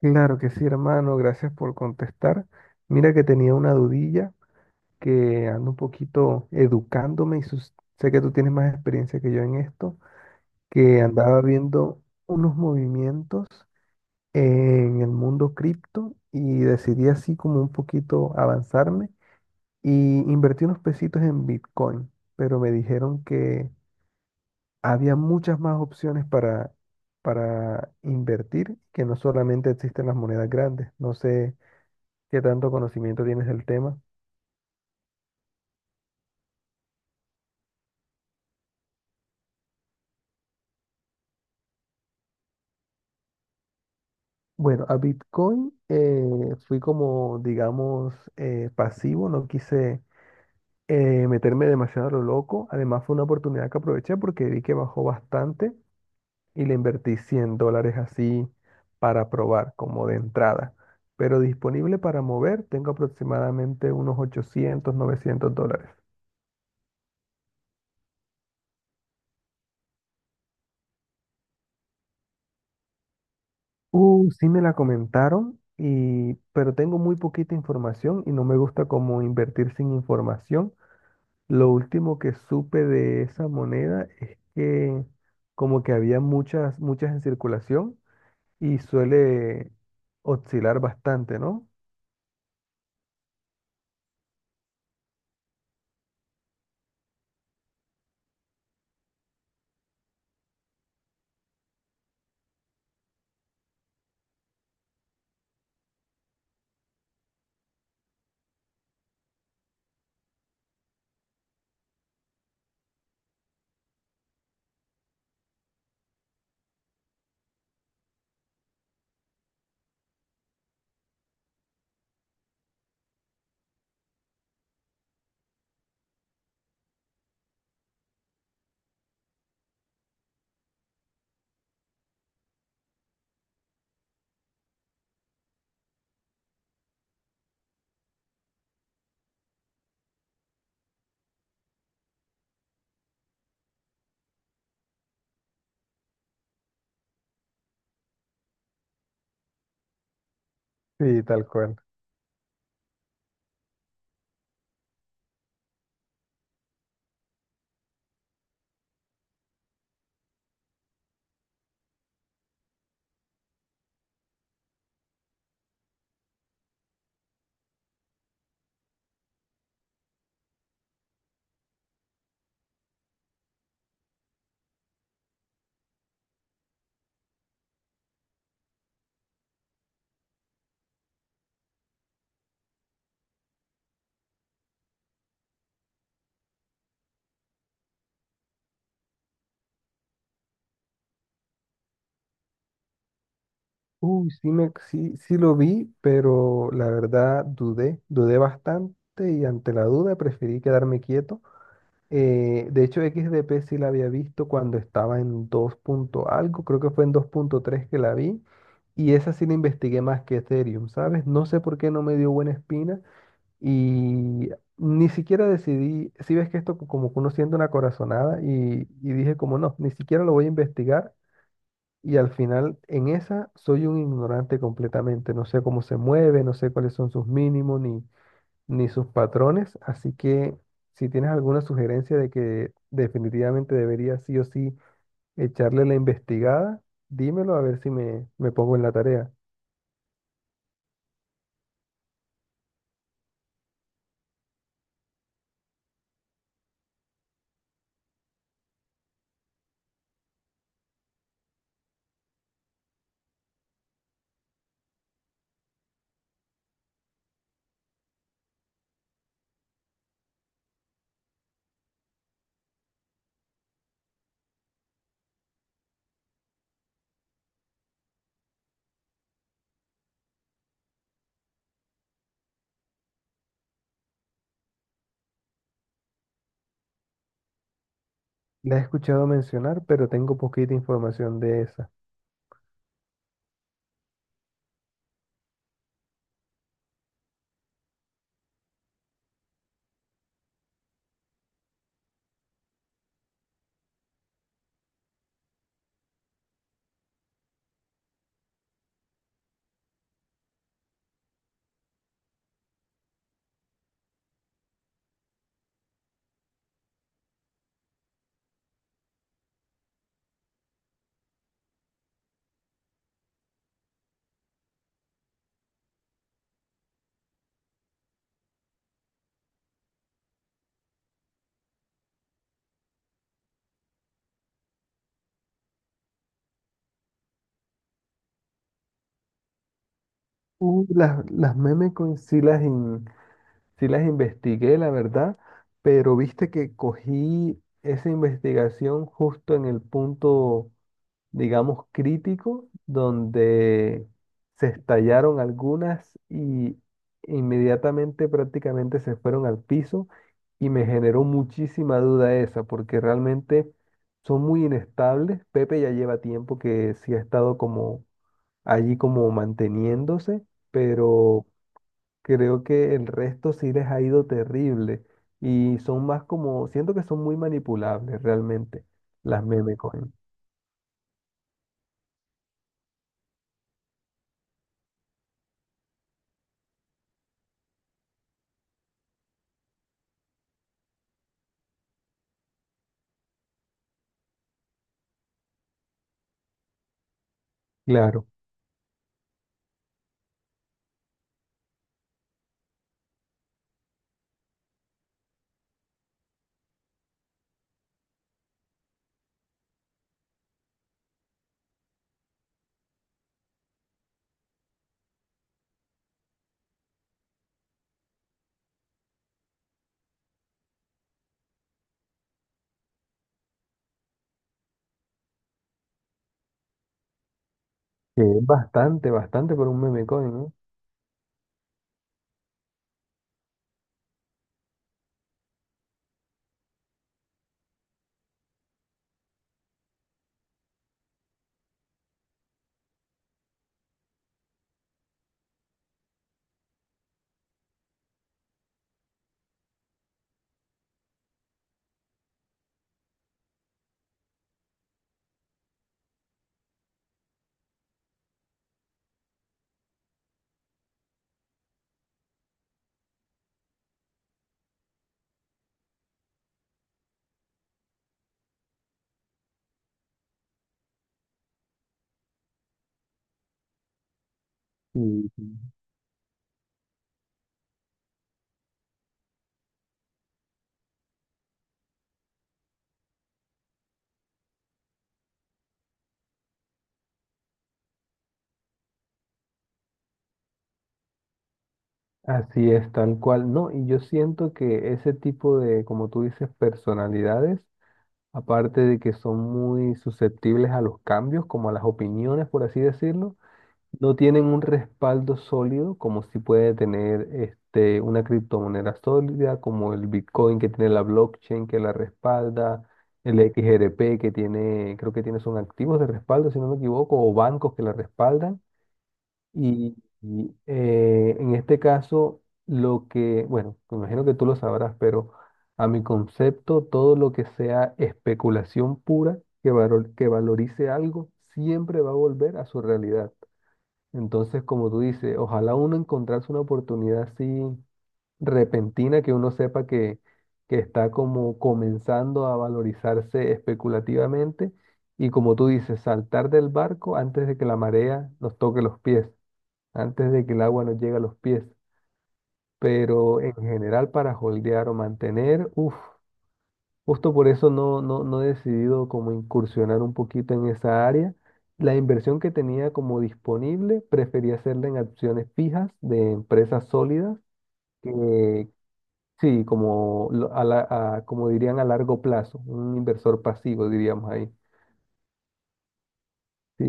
Claro que sí, hermano, gracias por contestar. Mira que tenía una dudilla que ando un poquito educándome y sé que tú tienes más experiencia que yo en esto, que andaba viendo unos movimientos en el mundo cripto y decidí así como un poquito avanzarme y invertí unos pesitos en Bitcoin, pero me dijeron que había muchas más opciones para invertir, que no solamente existen las monedas grandes. No sé. ¿Qué tanto conocimiento tienes del tema? Bueno, a Bitcoin fui como, digamos, pasivo, no quise meterme demasiado a lo loco. Además fue una oportunidad que aproveché porque vi que bajó bastante y le invertí $100 así para probar, como de entrada. Pero disponible para mover tengo aproximadamente unos $800 $900. Sí me la comentaron, pero tengo muy poquita información y no me gusta como invertir sin información. Lo último que supe de esa moneda es que como que había muchas, muchas en circulación y suele oscilar bastante, ¿no? Sí, tal cual. Sí, sí, sí lo vi, pero la verdad dudé, dudé bastante y ante la duda preferí quedarme quieto. De hecho, XDP sí la había visto cuando estaba en 2 punto algo, creo que fue en 2.3 que la vi, y esa sí la investigué más que Ethereum, ¿sabes? No sé por qué no me dio buena espina. Y ni siquiera decidí, si ves que esto como que uno siente una corazonada y dije como no, ni siquiera lo voy a investigar y al final en esa soy un ignorante completamente, no sé cómo se mueve, no sé cuáles son sus mínimos ni, ni sus patrones, así que si tienes alguna sugerencia de que definitivamente debería sí o sí echarle la investigada, dímelo a ver si me pongo en la tarea. La he escuchado mencionar, pero tengo poquita información de esa. Las memes coins sí sí las investigué, la verdad, pero viste que cogí esa investigación justo en el punto, digamos, crítico, donde se estallaron algunas y inmediatamente prácticamente se fueron al piso y me generó muchísima duda esa, porque realmente son muy inestables. Pepe ya lleva tiempo que sí ha estado como allí como manteniéndose, pero creo que el resto sí les ha ido terrible y son más como, siento que son muy manipulables realmente las meme coin. Claro, que es bastante, bastante por un meme coin, ¿no? Y así es, tal cual. No, y yo siento que ese tipo de, como tú dices, personalidades, aparte de que son muy susceptibles a los cambios, como a las opiniones, por así decirlo, no tienen un respaldo sólido como si puede tener este, una criptomoneda sólida como el Bitcoin que tiene la blockchain que la respalda, el XRP que tiene, creo que tiene son activos de respaldo si no me equivoco, o bancos que la respaldan. Y, en este caso, lo que, bueno, me imagino que tú lo sabrás, pero a mi concepto, todo lo que sea especulación pura que valorice algo siempre va a volver a su realidad. Entonces, como tú dices, ojalá uno encontrase una oportunidad así repentina que uno sepa que está como comenzando a valorizarse especulativamente y como tú dices, saltar del barco antes de que la marea nos toque los pies, antes de que el agua nos llegue a los pies. Pero en general para holdear o mantener, uff. Justo por eso no, no, no he decidido como incursionar un poquito en esa área. La inversión que tenía como disponible, prefería hacerla en acciones fijas de empresas sólidas, que sí, como, como dirían a largo plazo, un inversor pasivo, diríamos ahí. Sí,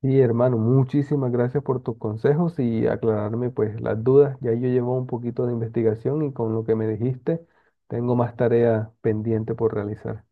sí, hermano, muchísimas gracias por tus consejos y aclararme pues las dudas. Ya yo llevo un poquito de investigación y con lo que me dijiste, tengo más tarea pendiente por realizar.